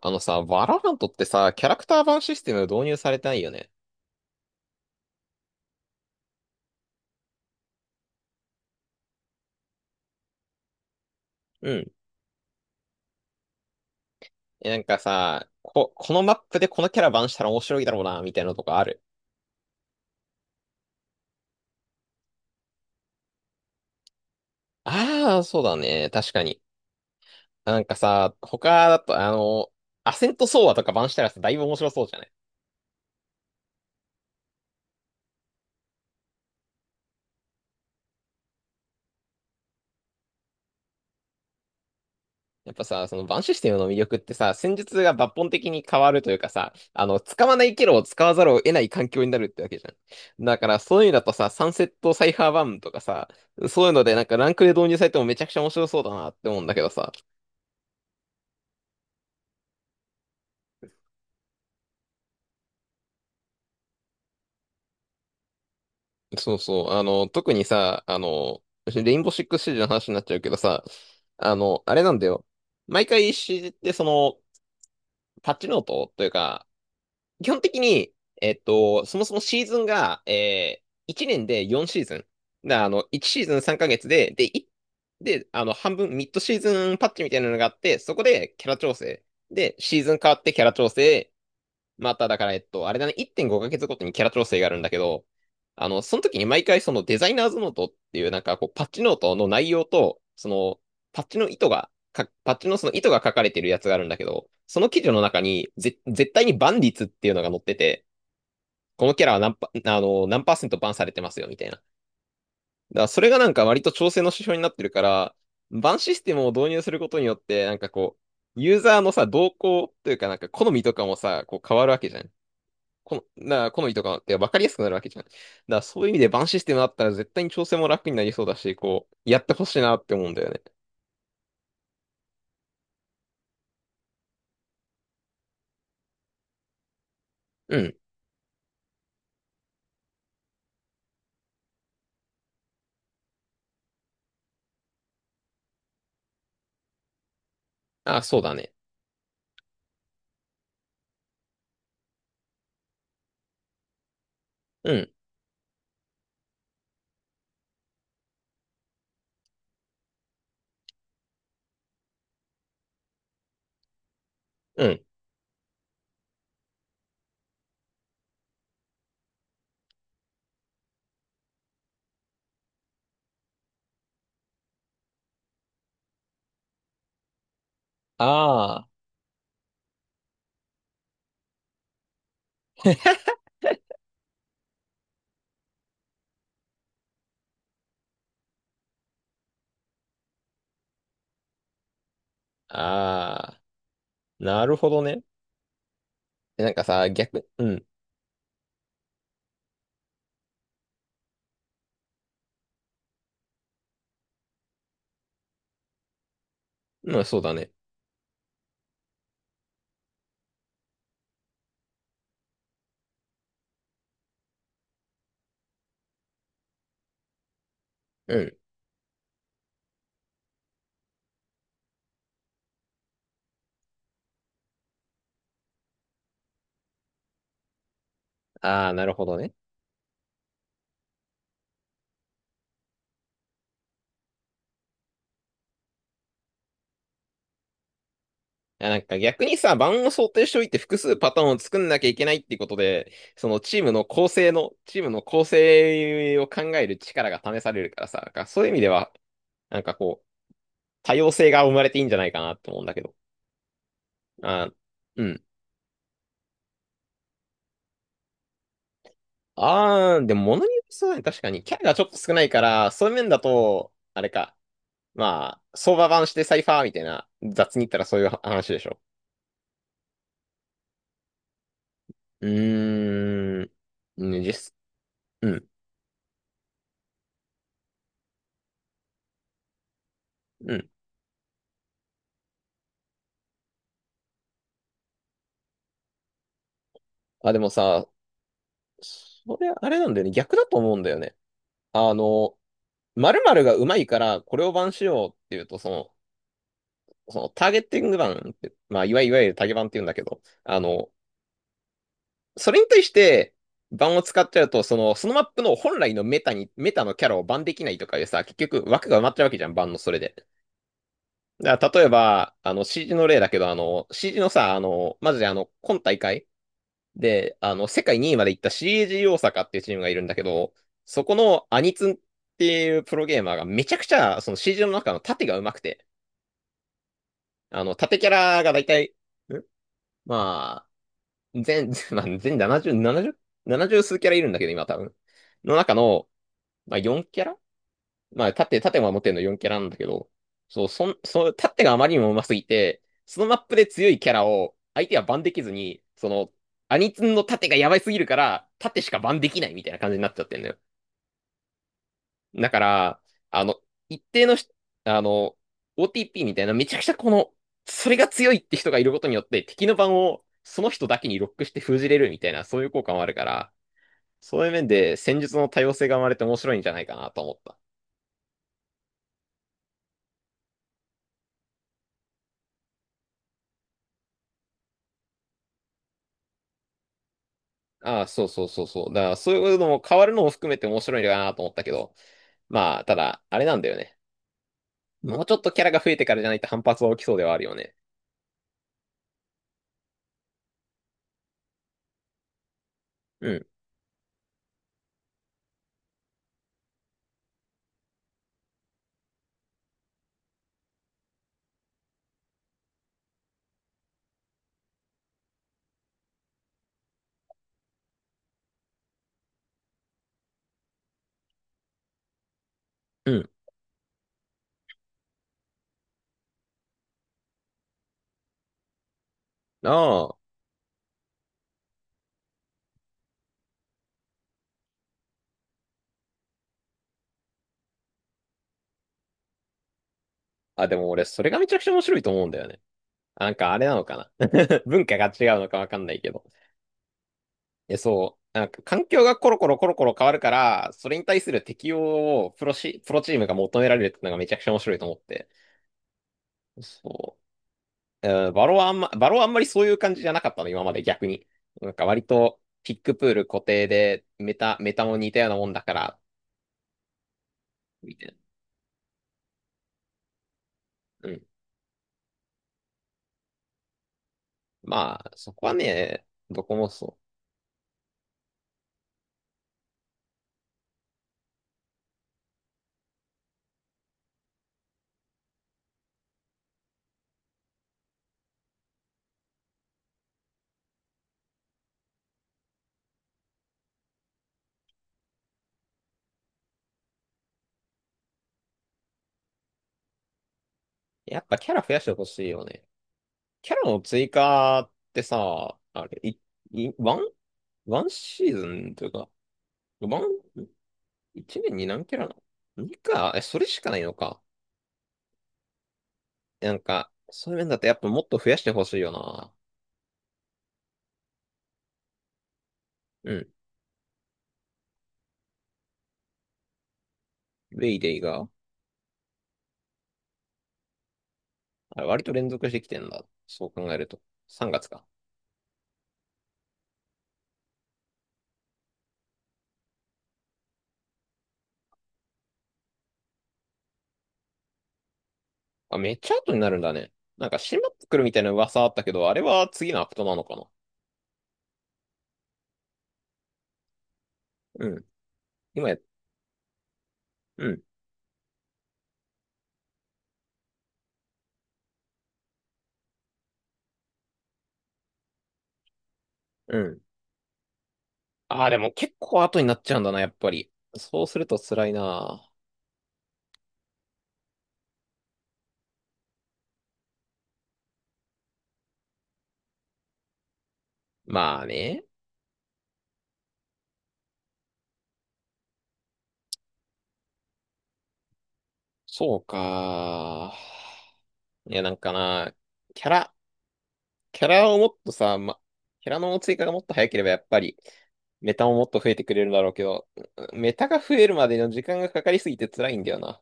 あのさ、バラハントってさ、キャラクター版システム導入されてないよね。うん。えなんかさ、こ、このマップでこのキャラ版したら面白いだろうな、みたいなのとかある。ああ、そうだね。確かに。なんかさ、他だと、アセントソーアとか版したらさ、だいぶ面白そうじゃない？やっぱさ、そのバンシステムの魅力ってさ、戦術が抜本的に変わるというかさ、使わないキャラを使わざるを得ない環境になるってわけじゃん。だからそういうのだとさ、サンセットサイファーバーンとかさ、そういうのでなんかランクで導入されてもめちゃくちゃ面白そうだなって思うんだけどさ。そうそう、特にさ、レインボーシックスシージの話になっちゃうけどさ、あれなんだよ。毎回 CG ってその、パッチノートというか、基本的に、そもそもシーズンが、1年で4シーズン。だから1シーズン3ヶ月で、で、半分、ミッドシーズンパッチみたいなのがあって、そこでキャラ調整。で、シーズン変わってキャラ調整。まただから、あれだね、1.5ヶ月ごかげつごとにキャラ調整があるんだけど、その時に毎回そのデザイナーズノートっていうなんかこうパッチノートの内容と、そのパッチのその糸が書かれてるやつがあるんだけど、その記事の中に絶対にバン率っていうのが載ってて、このキャラは何パーセントバンされてますよみたいな。だからそれがなんか割と調整の指標になってるから、バンシステムを導入することによって、ユーザーのさ、動向というかなんか好みとかもさ、こう変わるわけじゃん。この、な、好みとかって分かりやすくなるわけじゃん。だからそういう意味でバンシステムあったら絶対に調整も楽になりそうだし、こう、やってほしいなって思うんだよね。うん。あ、そうだね。うん。うん。ああ。ああ。なるほどね。えなんかさ、逆、うん。うん、そうだね。うん。ああ、なるほどね。あなんか逆にさ、盤を想定しておいて複数パターンを作んなきゃいけないっていうことで、チームの構成を考える力が試されるからさ、なんかそういう意味では、なんかこう、多様性が生まれていいんじゃないかなって思うんだけど。あー、うん。あー、でも物によりそうだね。確かに。キャラがちょっと少ないから、そういう面だと、あれか。まあ、相場版してサイファーみたいな、雑に言ったらそういう話でしょ。うーん。ね、実、うん、うん。あ、でもさ、それあれなんだよね。逆だと思うんだよね。あの、〇〇が上手いから、これを版しようっていうと、その、そのターゲッティング版って、まあ、いわゆるタゲ版って言うんだけど、それに対して、バンを使っちゃうと、その、そのマップの本来のメタに、メタのキャラをバンできないとかでさ、結局枠が埋まっちゃうわけじゃん、バンのそれで。だから例えば、CG の例だけど、CG のさ、マジで今大会で、世界2位まで行った CAG 大阪っていうチームがいるんだけど、そこのアニツンっていうプロゲーマーがめちゃくちゃ、その CG の中の縦が上手くて、縦キャラがだいたい、んまあ、まあ、全70、70、70数キャラいるんだけど、今多分。の中の、まあ、4キャラ、まあ、縦も持ってるの4キャラなんだけど、そう、縦があまりにも上手すぎて、そのマップで強いキャラを相手はバンできずに、その、アニツンの縦がやばいすぎるから、縦しかバンできないみたいな感じになっちゃってんのよ。だから、あの、一定のし、あの、OTP みたいな、めちゃくちゃこの、それが強いって人がいることによって、敵の番をその人だけにロックして封じれるみたいな、そういう効果もあるから、そういう面で戦術の多様性が生まれて面白いんじゃないかなと思った。ああ、そうそうそうそう。だから、そういうのも変わるのも含めて面白いのかなと思ったけど、まあ、ただ、あれなんだよね。もうちょっとキャラが増えてからじゃないと反発は起きそうではあるよね。うん、うん。ああ、あ、でも俺、それがめちゃくちゃ面白いと思うんだよね。あなんかあれなのかな。 文化が違うのかわかんないけど。え、そう。なんか環境がコロコロコロコロ変わるから、それに対する適応をプロチームが求められるっていうのがめちゃくちゃ面白いと思って。そう。バロはあんま、バロはあんまりそういう感じじゃなかったの、今まで逆に。なんか割と、ピックプール固定で、メタも似たようなもんだから、みたいな。うん。まあ、そこはね、どこもそう。やっぱキャラ増やしてほしいよね。キャラの追加ってさ、あれ、い、い、ワンワンシーズンというか、ワン、一年に何キャラなの？ 2 か。え、それしかないのか。なんか、そういう面だとやっぱもっと増やしてほしいよな。うん。ウェイデイが、あれ割と連続してきてんだ。そう考えると。3月か。あ、めっちゃ後になるんだね。なんか、閉まってくるみたいな噂あったけど、あれは次のアクトなのかな。うん。今や、うん、うん。あー、でも結構後になっちゃうんだな、やっぱり。そうすると辛いな。まあね。そうか。いや、なんかな、キャラ、キャラをもっとさ、キャラの追加がもっと早ければやっぱり、メタももっと増えてくれるだろうけど、メタが増えるまでの時間がかかりすぎて辛いんだよな。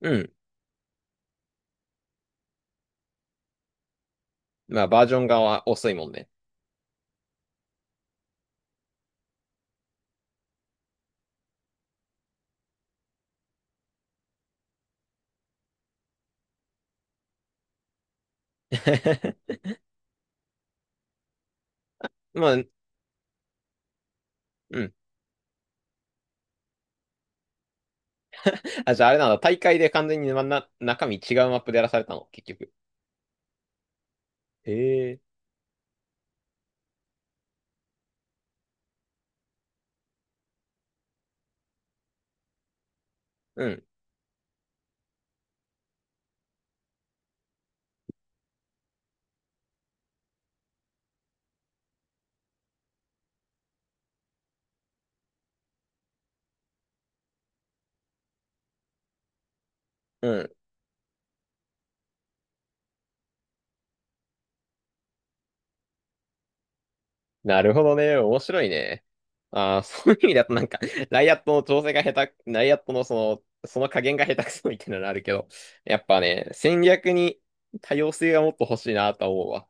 うん。まあ、バージョン側は遅いもんね。まあ、うん。あ、じゃああれなんだ、大会で完全に、中身違うマップでやらされたの、結局。へえ。うん。うん。なるほどね。面白いね。ああ、そういう意味だとなんか、ライアットのその加減が下手くそみたいなのあるけど、やっぱね、戦略に多様性がもっと欲しいなとは思うわ。